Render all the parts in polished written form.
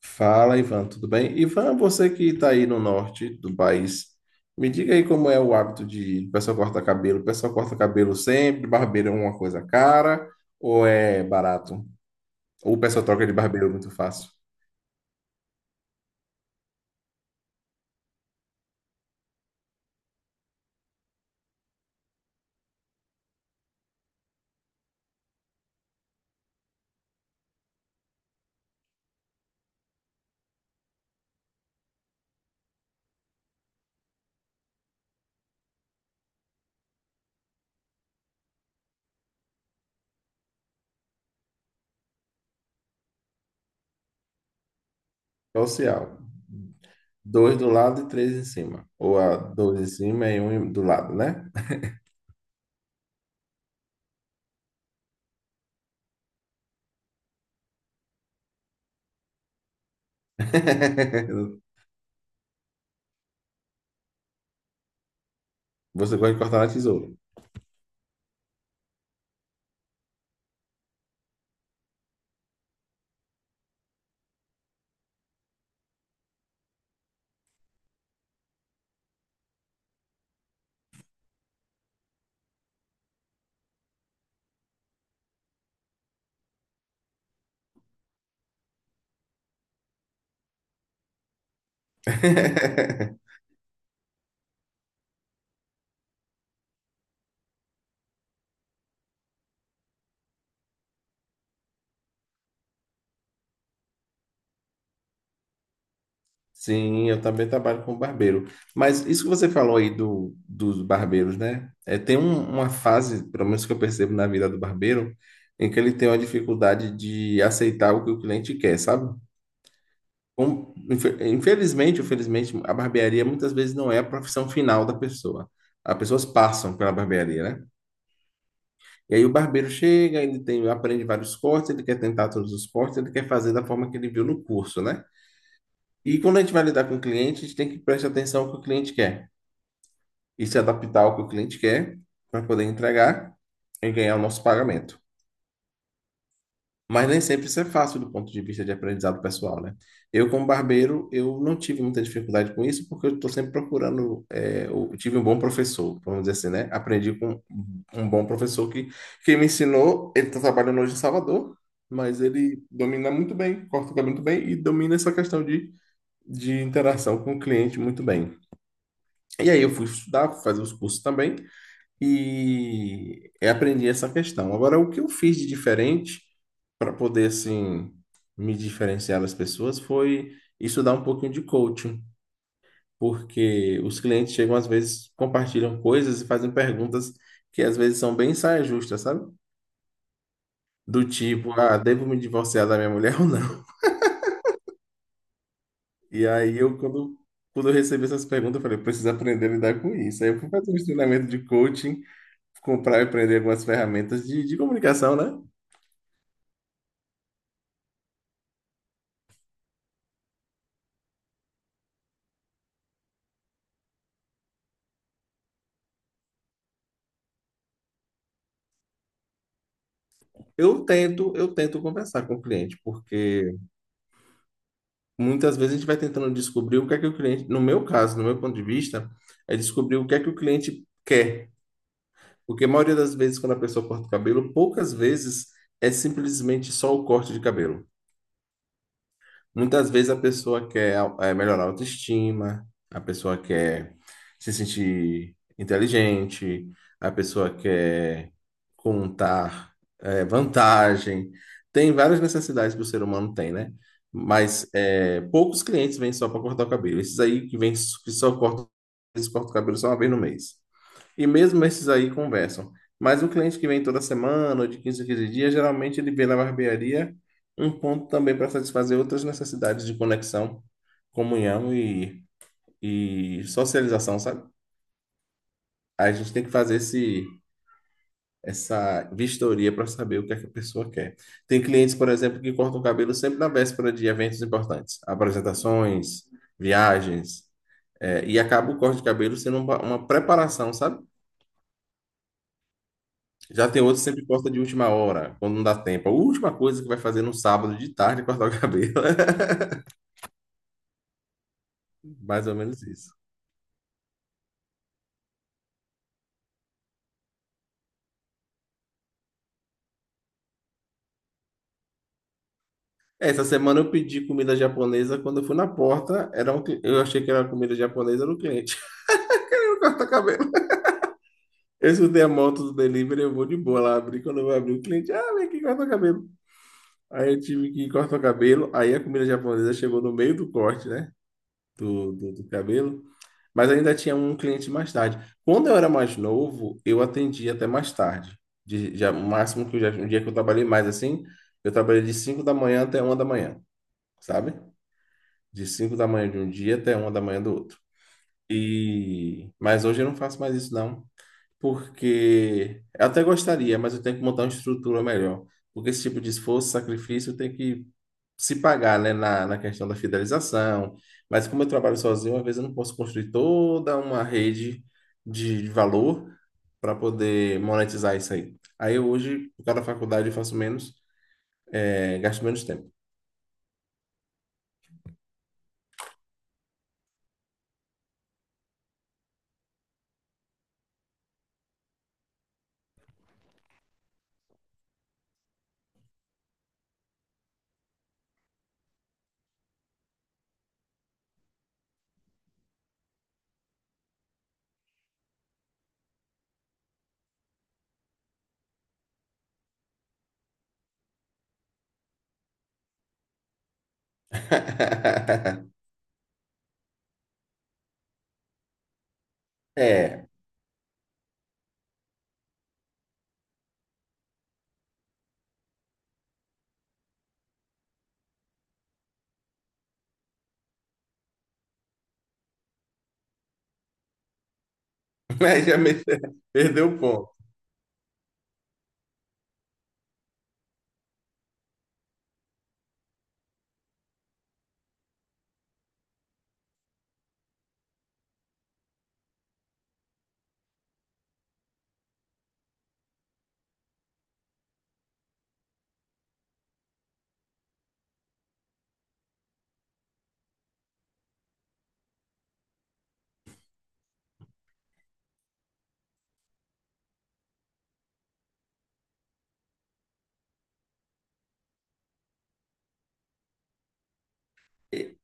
Fala, Ivan, tudo bem? Ivan, você que está aí no norte do país, me diga aí como é o hábito de o pessoal corta cabelo. O pessoal corta cabelo sempre, barbeiro é uma coisa cara ou é barato? Ou o pessoal troca de barbeiro muito fácil? Social. Dois do lado e três em cima. Ou a dois em cima e um do lado, né? Você gosta de cortar na tesoura. Sim, eu também trabalho como barbeiro. Mas isso que você falou aí do, dos barbeiros, né? É, tem uma fase, pelo menos que eu percebo na vida do barbeiro, em que ele tem uma dificuldade de aceitar o que o cliente quer, sabe? Infelizmente, ou felizmente, a barbearia muitas vezes não é a profissão final da pessoa. As pessoas passam pela barbearia, né? E aí o barbeiro chega, ele tem, aprende vários cortes, ele quer tentar todos os cortes, ele quer fazer da forma que ele viu no curso, né? E quando a gente vai lidar com o cliente, a gente tem que prestar atenção no que o cliente quer, e se adaptar ao que o cliente quer para poder entregar e ganhar o nosso pagamento. Mas nem sempre isso é fácil do ponto de vista de aprendizado pessoal, né? Eu, como barbeiro, eu não tive muita dificuldade com isso, porque eu estou sempre procurando. É, eu tive um bom professor, vamos dizer assim, né? Aprendi com um bom professor que me ensinou. Ele está trabalhando hoje em Salvador, mas ele domina muito bem, corta o cabelo muito bem e domina essa questão de, interação com o cliente muito bem. E aí eu fui estudar, fui fazer os cursos também, e aprendi essa questão. Agora, o que eu fiz de diferente para poder assim me diferenciar das pessoas foi estudar um pouquinho de coaching, porque os clientes chegam às vezes compartilham coisas e fazem perguntas que às vezes são bem saia justa, sabe? Do tipo: ah, devo me divorciar da minha mulher ou não? E aí eu quando quando eu recebi essas perguntas, eu falei: preciso aprender a lidar com isso. Aí eu fui fazer um treinamento de coaching, comprar e aprender algumas ferramentas de comunicação, né? Eu tento conversar com o cliente, porque muitas vezes a gente vai tentando descobrir o que é que o cliente, no meu caso, no meu ponto de vista, é descobrir o que é que o cliente quer. Porque a maioria das vezes, quando a pessoa corta o cabelo, poucas vezes é simplesmente só o corte de cabelo. Muitas vezes a pessoa quer melhorar a autoestima, a pessoa quer se sentir inteligente, a pessoa quer contar vantagem. Tem várias necessidades que o ser humano tem, né? Mas poucos clientes vêm só para cortar o cabelo. Esses aí que vêm que só cortam, eles cortam o cabelo só uma vez no mês. E mesmo esses aí conversam. Mas o cliente que vem toda semana, ou de 15 a 15 dias, geralmente ele vê na barbearia um ponto também para satisfazer outras necessidades de conexão, comunhão e socialização, sabe? A gente tem que fazer esse, essa vistoria para saber o que é que a pessoa quer. Tem clientes, por exemplo, que cortam o cabelo sempre na véspera de eventos importantes, apresentações, viagens, e acaba o corte de cabelo sendo uma preparação, sabe? Já tem outros que sempre posta de última hora, quando não dá tempo. A última coisa que vai fazer no sábado de tarde é cortar o cabelo. Mais ou menos isso. É, essa semana eu pedi comida japonesa. Quando eu fui na porta, era eu achei que era comida japonesa, era o cliente. Corta cabelo. Eu escutei a moto do delivery, eu vou de boa lá abrir. Quando eu vou abrir, o cliente: ah, vem aqui, corta cabelo. Aí eu tive que cortar o cabelo. Aí a comida japonesa chegou no meio do corte, né? Do cabelo. Mas ainda tinha um cliente mais tarde. Quando eu era mais novo, eu atendia até mais tarde. De- já, o máximo que eu já, um dia que eu trabalhei mais assim, eu trabalhei de 5 da manhã até 1 da manhã, sabe? De 5 da manhã de um dia até 1 da manhã do outro. E mas hoje eu não faço mais isso não, porque eu até gostaria, mas eu tenho que montar uma estrutura melhor. Porque esse tipo de esforço, sacrifício, tem que se pagar, né, na questão da fidelização. Mas como eu trabalho sozinho, às vezes eu não posso construir toda uma rede de valor para poder monetizar isso aí. Aí eu hoje, por causa da faculdade, eu faço menos, gasto menos tempo. É, mas já me- perdeu o ponto.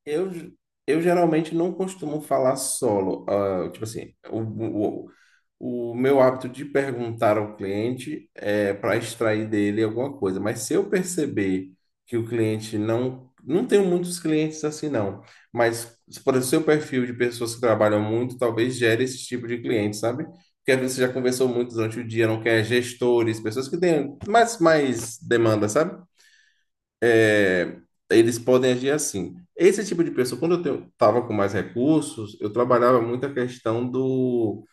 Eu, eu geralmente não costumo falar solo. Ah, tipo assim, o meu hábito de perguntar ao cliente é para extrair dele alguma coisa. Mas se eu perceber que o cliente não. Não tenho muitos clientes assim, não. Mas, por exemplo, seu perfil de pessoas que trabalham muito, talvez gere esse tipo de cliente, sabe? Porque às vezes você já conversou muito durante o dia, não quer gestores, pessoas que têm mais, demanda, sabe? É, eles podem agir assim. Esse tipo de pessoa, quando eu estava com mais recursos, eu trabalhava muito a questão do,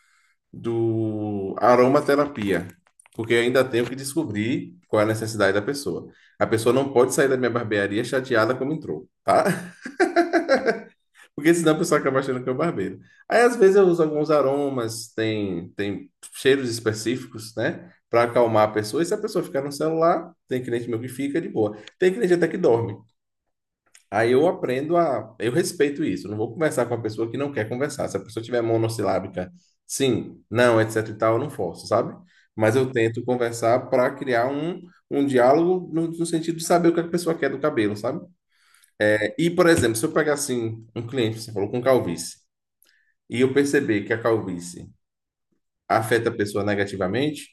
do aromaterapia, porque eu ainda tenho que descobrir qual é a necessidade da pessoa. A pessoa não pode sair da minha barbearia chateada como entrou, tá? Porque senão a pessoa acaba achando que é um barbeiro. Aí, às vezes, eu uso alguns aromas, tem cheiros específicos, né? Para acalmar a pessoa. E se a pessoa ficar no celular, tem cliente meu que fica de boa. Tem cliente até que dorme. Aí eu aprendo a. Eu respeito isso. Não vou conversar com a pessoa que não quer conversar. Se a pessoa tiver monossilábica, sim, não, etc e tal, eu não forço, sabe? Mas eu tento conversar para criar um, diálogo no sentido de saber o que a pessoa quer do cabelo, sabe? É, e, por exemplo, se eu pegar assim um cliente, você falou com calvície, e eu perceber que a calvície afeta a pessoa negativamente,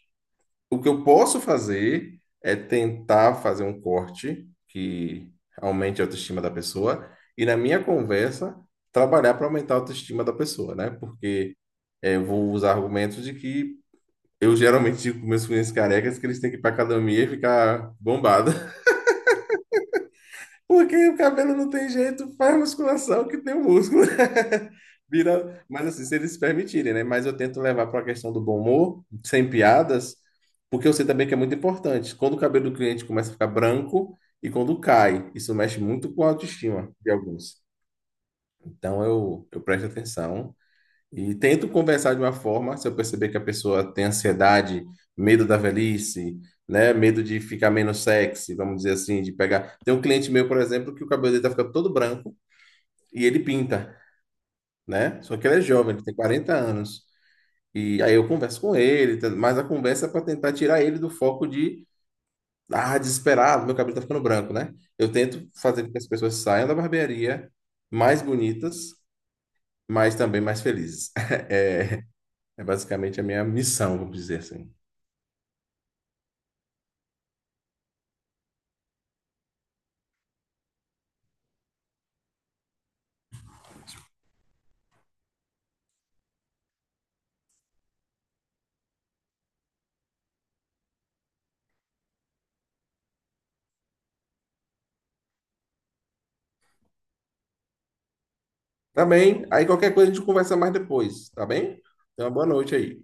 o que eu posso fazer é tentar fazer um corte que aumente a autoestima da pessoa, e na minha conversa trabalhar para aumentar a autoestima da pessoa, né? Porque eu vou usar argumentos de que eu geralmente digo para meus clientes carecas que eles têm que ir para academia e ficar bombado, porque o cabelo não tem jeito, faz musculação que tem o músculo. Vira, mas assim, se eles se permitirem, né? Mas eu tento levar para a questão do bom humor, sem piadas, porque eu sei também que é muito importante. Quando o cabelo do cliente começa a ficar branco e quando cai, isso mexe muito com a autoestima de alguns. Então eu presto atenção e tento conversar de uma forma, se eu perceber que a pessoa tem ansiedade, medo da velhice, né? Medo de ficar menos sexy, vamos dizer assim, de pegar. Tem um cliente meu, por exemplo, que o cabelo dele tá ficando todo branco e ele pinta, né? Só que ele é jovem, ele tem 40 anos. E aí eu converso com ele, mas a conversa é para tentar tirar ele do foco de: ah, desesperado, meu cabelo tá ficando branco, né? Eu tento fazer com que as pessoas saiam da barbearia mais bonitas, mas também mais felizes. É basicamente a minha missão, vamos dizer assim. Tá bem? Aí qualquer coisa a gente conversa mais depois, tá bem? Então, boa noite aí.